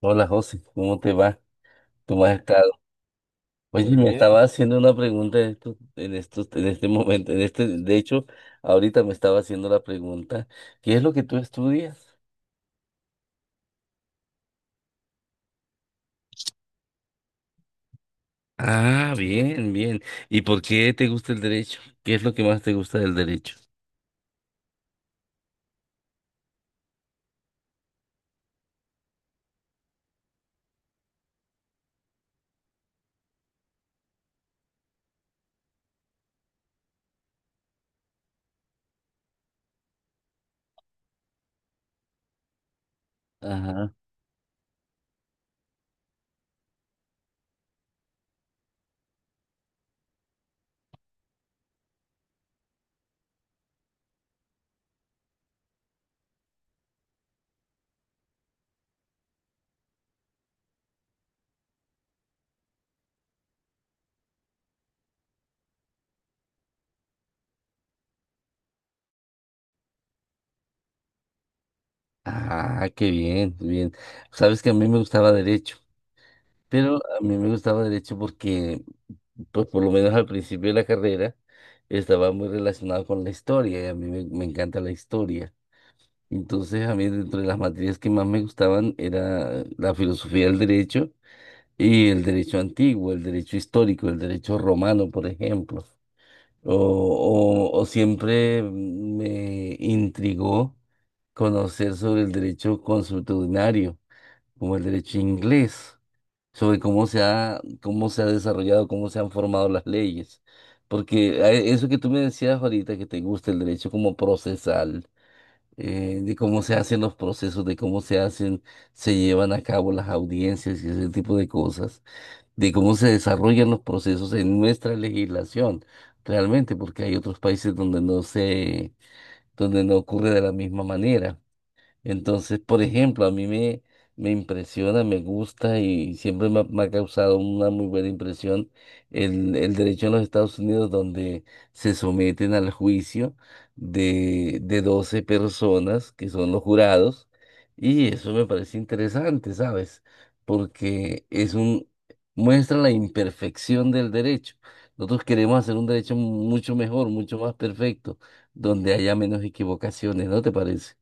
Hola José, ¿cómo te va? ¿Cómo has estado? Oye, estaba haciendo una pregunta en este momento, en este, de hecho, ahorita me estaba haciendo la pregunta, ¿qué es lo que tú estudias? Ah, bien, bien. ¿Y por qué te gusta el derecho? ¿Qué es lo que más te gusta del derecho? Ajá. Ah, qué bien, bien. Sabes que a mí me gustaba derecho, pero a mí me gustaba derecho porque, pues por lo menos al principio de la carrera, estaba muy relacionado con la historia y a mí me encanta la historia. Entonces, a mí, dentro de las materias que más me gustaban era la filosofía del derecho y el derecho antiguo, el derecho histórico, el derecho romano, por ejemplo. O siempre me intrigó conocer sobre el derecho consuetudinario, como el derecho inglés, sobre cómo se ha desarrollado, cómo se han formado las leyes. Porque eso que tú me decías ahorita, que te gusta el derecho como procesal de cómo se hacen los procesos, de cómo se hacen, se llevan a cabo las audiencias y ese tipo de cosas, de cómo se desarrollan los procesos en nuestra legislación, realmente, porque hay otros países donde no se, donde no ocurre de la misma manera. Entonces, por ejemplo, me impresiona, me gusta y siempre me ha causado una muy buena impresión el derecho en los Estados Unidos donde se someten al juicio de 12 personas que son los jurados y eso me parece interesante, ¿sabes? Porque es un, Muestra la imperfección del derecho. Nosotros queremos hacer un derecho mucho mejor, mucho más perfecto, donde haya menos equivocaciones, ¿no te parece?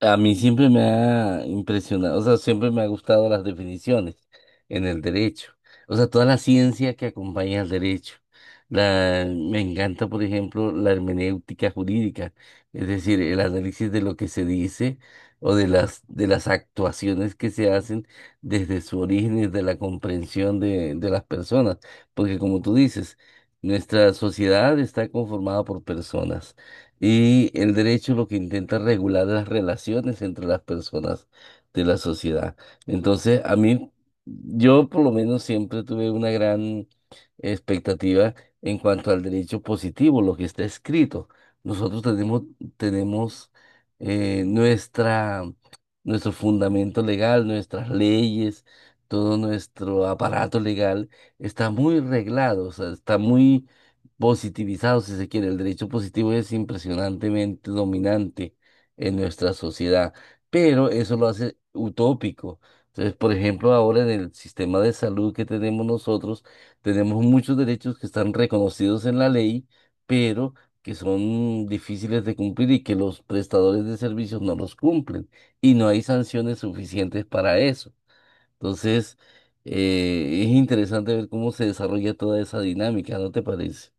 A mí siempre me ha impresionado, o sea, siempre me ha gustado las definiciones en el derecho, o sea, toda la ciencia que acompaña al derecho. Me encanta, por ejemplo, la hermenéutica jurídica, es decir, el análisis de lo que se dice o de las actuaciones que se hacen desde su origen y de la comprensión de las personas, porque como tú dices, nuestra sociedad está conformada por personas. Y el derecho lo que intenta regular las relaciones entre las personas de la sociedad. Entonces, a mí, yo por lo menos siempre tuve una gran expectativa en cuanto al derecho positivo, lo que está escrito. Nosotros tenemos, Tenemos eh, nuestra, nuestro fundamento legal, nuestras leyes, todo nuestro aparato legal está muy reglado, o sea, está muy positivizado, si se quiere. El derecho positivo es impresionantemente dominante en nuestra sociedad, pero eso lo hace utópico. Entonces, por ejemplo, ahora en el sistema de salud que tenemos nosotros, tenemos muchos derechos que están reconocidos en la ley, pero que son difíciles de cumplir y que los prestadores de servicios no los cumplen y no hay sanciones suficientes para eso. Entonces, es interesante ver cómo se desarrolla toda esa dinámica, ¿no te parece?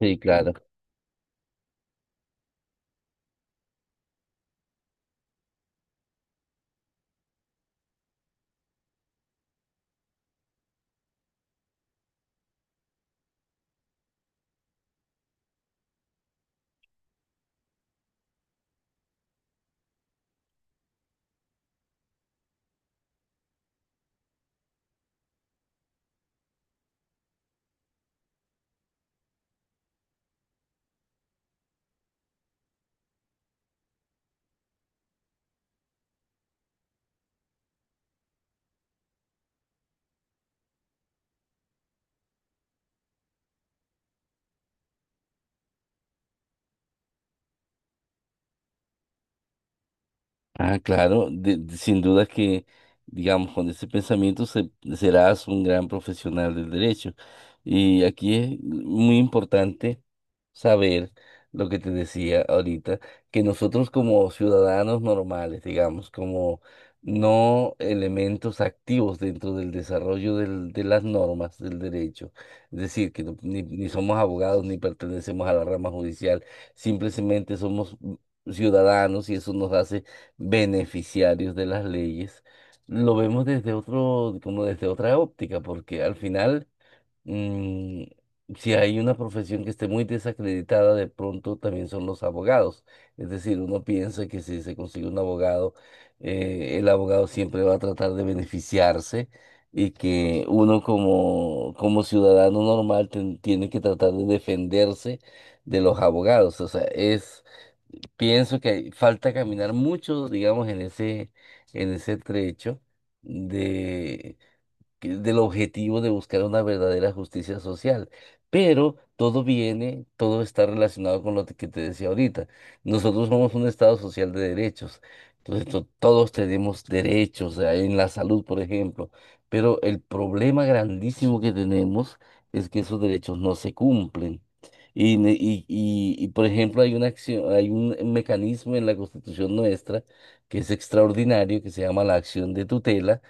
Sí, claro. Ah, claro, sin duda que, digamos, con ese pensamiento serás un gran profesional del derecho. Y aquí es muy importante saber lo que te decía ahorita, que nosotros como ciudadanos normales, digamos, como no elementos activos dentro del desarrollo de las normas del derecho, es decir, que no- ni, ni somos abogados ni pertenecemos a la rama judicial, simplemente somos ciudadanos y eso nos hace beneficiarios de las leyes, lo vemos desde otro, como desde otra óptica, porque al final, mm, si hay una profesión que esté muy desacreditada, de pronto también son los abogados. Es decir, uno piensa que si se consigue un abogado, el abogado siempre va a tratar de beneficiarse. Y que uno como, como ciudadano normal tiene que tratar de defenderse de los abogados. Pienso que falta caminar mucho, digamos, en ese trecho del objetivo de buscar una verdadera justicia social. Pero todo viene, todo está relacionado con lo que te decía ahorita. Nosotros somos un Estado social de derechos. Entonces, todos tenemos derechos, en la salud, por ejemplo. Pero el problema grandísimo que tenemos es que esos derechos no se cumplen. Y, por ejemplo, hay una acción, hay un mecanismo en la Constitución nuestra que es extraordinario, que se llama la acción de tutela,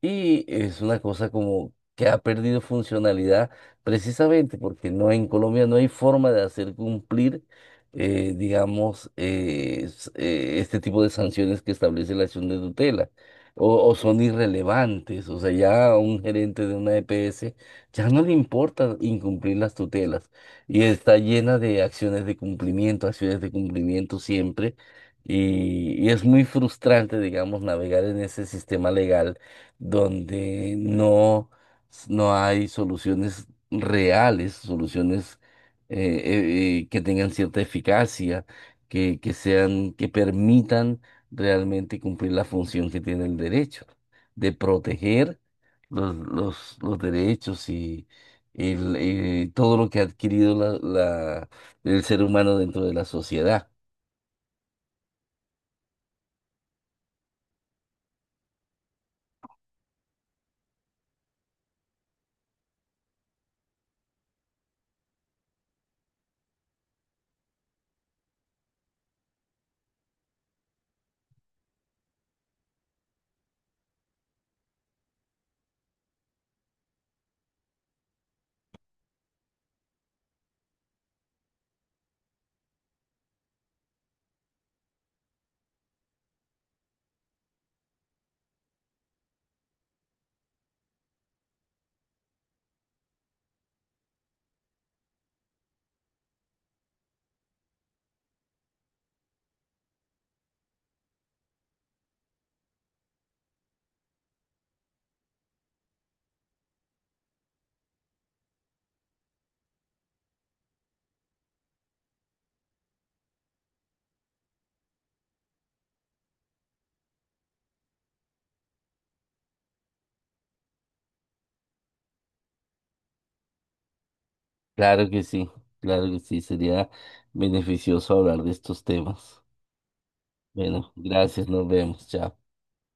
y es una cosa como que ha perdido funcionalidad precisamente porque en Colombia no hay forma de hacer cumplir, digamos, este tipo de sanciones que establece la acción de tutela. O son irrelevantes, o sea, ya a un gerente de una EPS ya no le importa incumplir las tutelas y está llena de acciones de cumplimiento siempre y es muy frustrante, digamos, navegar en ese sistema legal donde no, no hay soluciones reales, soluciones eh, que tengan cierta eficacia, que sean, que permitan realmente cumplir la función que tiene el derecho, de proteger los derechos y todo lo que ha adquirido el ser humano dentro de la sociedad. Claro que sí, claro que sí, sería beneficioso hablar de estos temas. Bueno, gracias, nos vemos, chao.